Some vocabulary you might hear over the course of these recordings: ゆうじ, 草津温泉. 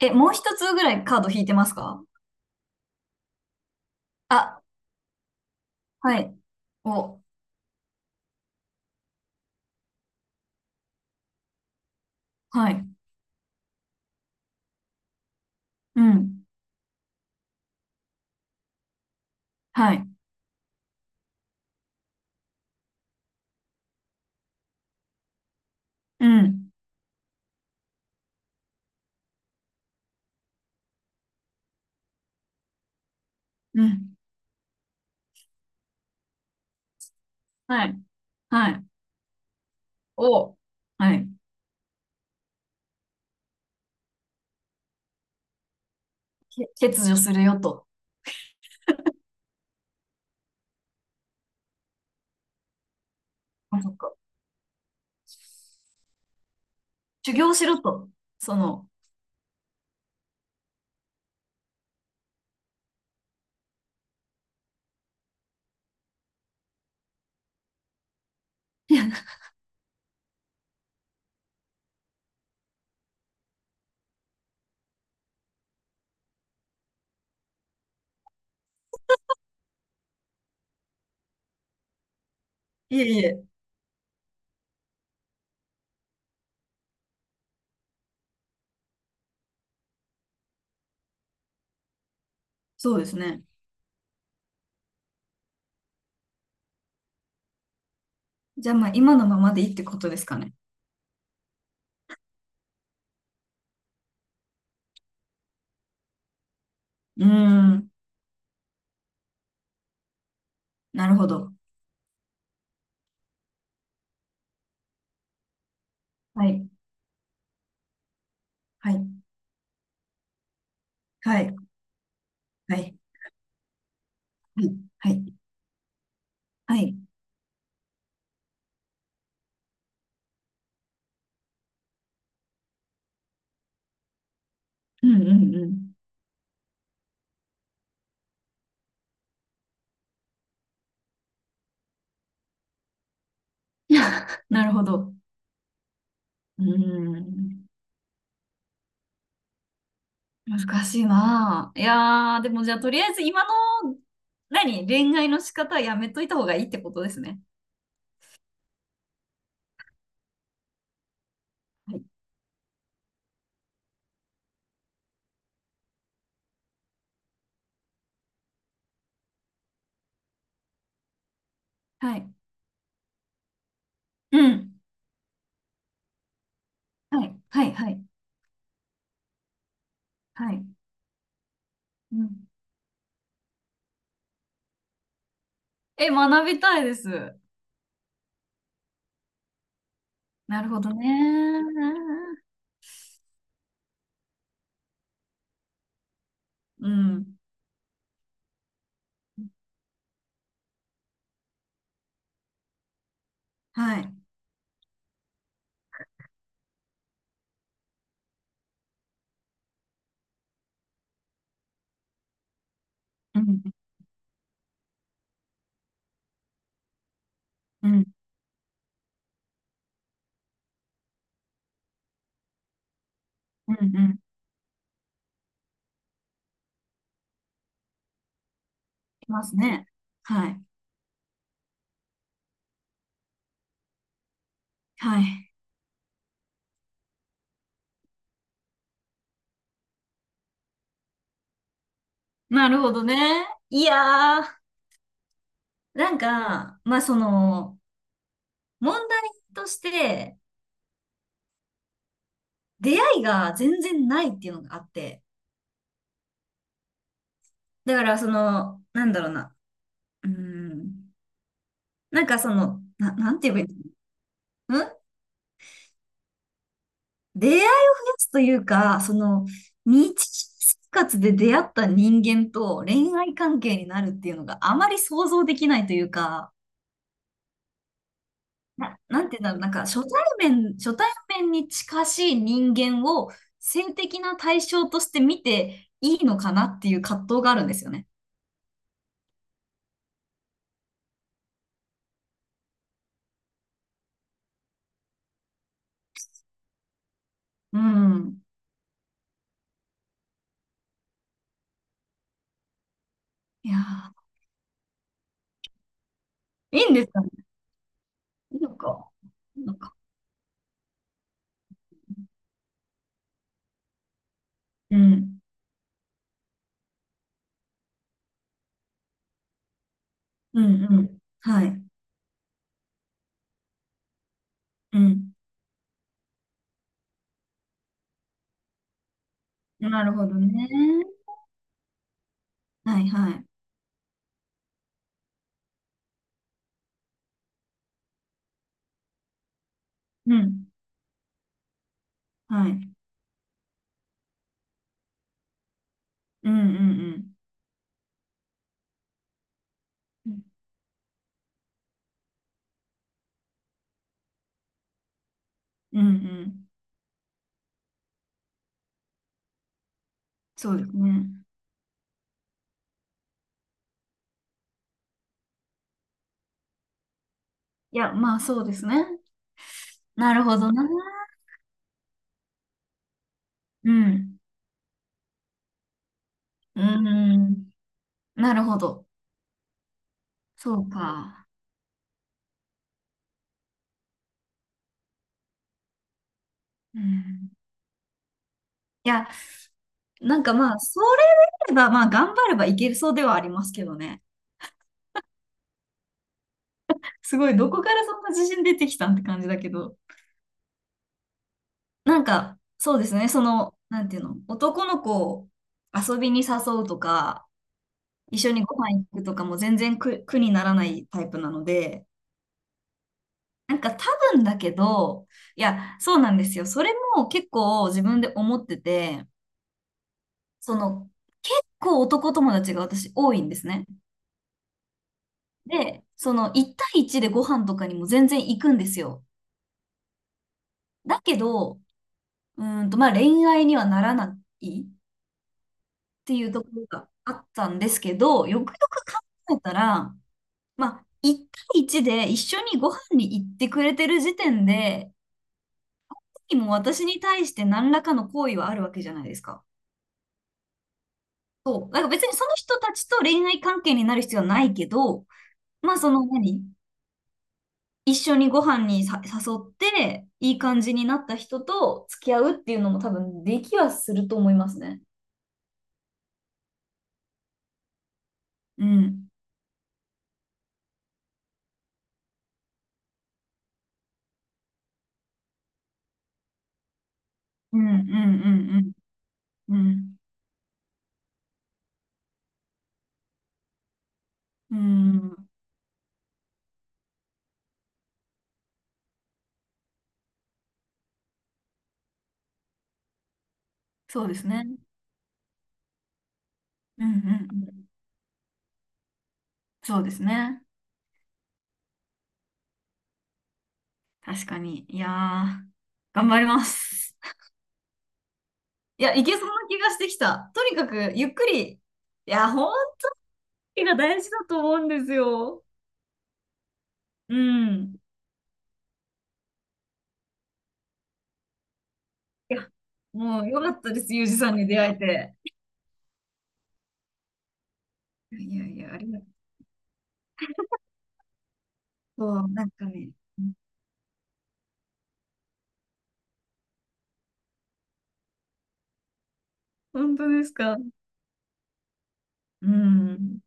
え、もう一つぐらいカード引いてますか？あ、はい。お、はい。うん。はい。うん。うん。はい。はい。お、はい。欠如するよと。あ、そっか。修行しろと。その、いや、いえいえ、そうですね。じゃあまあ今のままでいいってことですかね？うーん。なるほど。はい。はい。はい。はい。はい。はい。はい。うんうんうん。なるほど。うーん。難しいなぁ。いやー、でもじゃあ、とりあえず今の、何、恋愛の仕方はやめといた方がいいってことですね。はい。はい。うん。はい。はい。はい。はい。うん。え、学びたいです。なるほどね。うん。はい。うん。うん。うん。うん。いますね。はい。はい。なるほどね。いやー、なんか、まあ、その、問題として、出会いが全然ないっていうのがあって、だから、その、なんだろうな。うーん。なんかその、なんて言えばいいのん出会いを増やすというか、その、日常生活で出会った人間と恋愛関係になるっていうのがあまり想像できないというか、なんて言うんだろう。なんか初対面に近しい人間を性的な対象として見ていいのかなっていう葛藤があるんですよね。うん。いやー、いいんですかね？いいのか。いいのか。うん。うんうん。はい。うん。なるほどね。はいはい。うん。はい。うんうんうん。うんうん。そうですね。いや、まあそうですね。なるほどな。うん。うん。なるほど。そうか。うん。いや、なんかまあ、それであれば、まあ頑張ればいけるそうではありますけどね。すごい、どこからそんな自信出てきたんって感じだけど。なんか、そうですね、その、なんていうの、男の子を遊びに誘うとか、一緒にご飯行くとかも全然苦にならないタイプなので、なんか多分だけど、いや、そうなんですよ。それも結構自分で思ってて、その、結構男友達が私多いんですね。で、その1対1でご飯とかにも全然行くんですよ。だけど、うーんと、まあ恋愛にはならない。っていうところがあったんですけど、よくよく考えたら、まあ、1対一で一緒にご飯に行ってくれてる時点で、敵も私に対して何らかの行為はあるわけじゃないですか。そう。なんか別にその人たちと恋愛関係になる必要はないけど、まあその何一緒にご飯にさ誘って、いい感じになった人と付き合うっていうのも多分できはすると思いますね。うん。うんうんうんうん。うん。うん。そうですね。うんうんうん。そうですね。確かに。いやー、頑張ります。いや、いけそうな気がしてきた。とにかく、ゆっくり。いや、本気が大事だと思うんですよ。うん。いや、もうよかったです、ゆうじさんに出会えて。いやいや、ありがとう。なんかね、本当ですか？うん。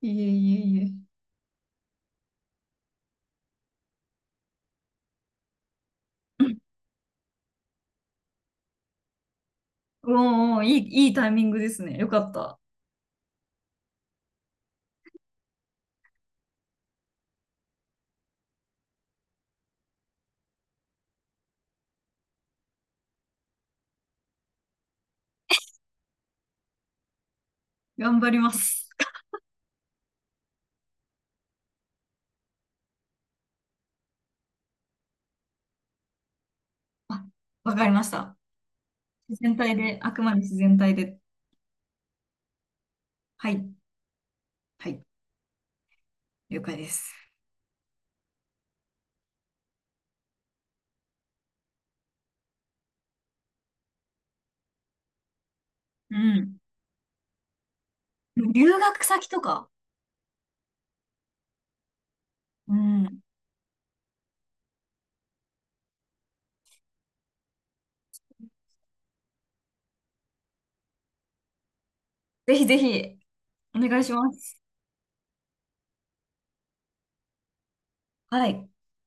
いえいえいえ。もういい、いいタイミングですね。よかった。頑張ります。あ、わかりました。自然体で、あくまで自然体で。はい。はい。了解です。うん。留学先とか、うん。ぜひぜひ、お願いします。はい。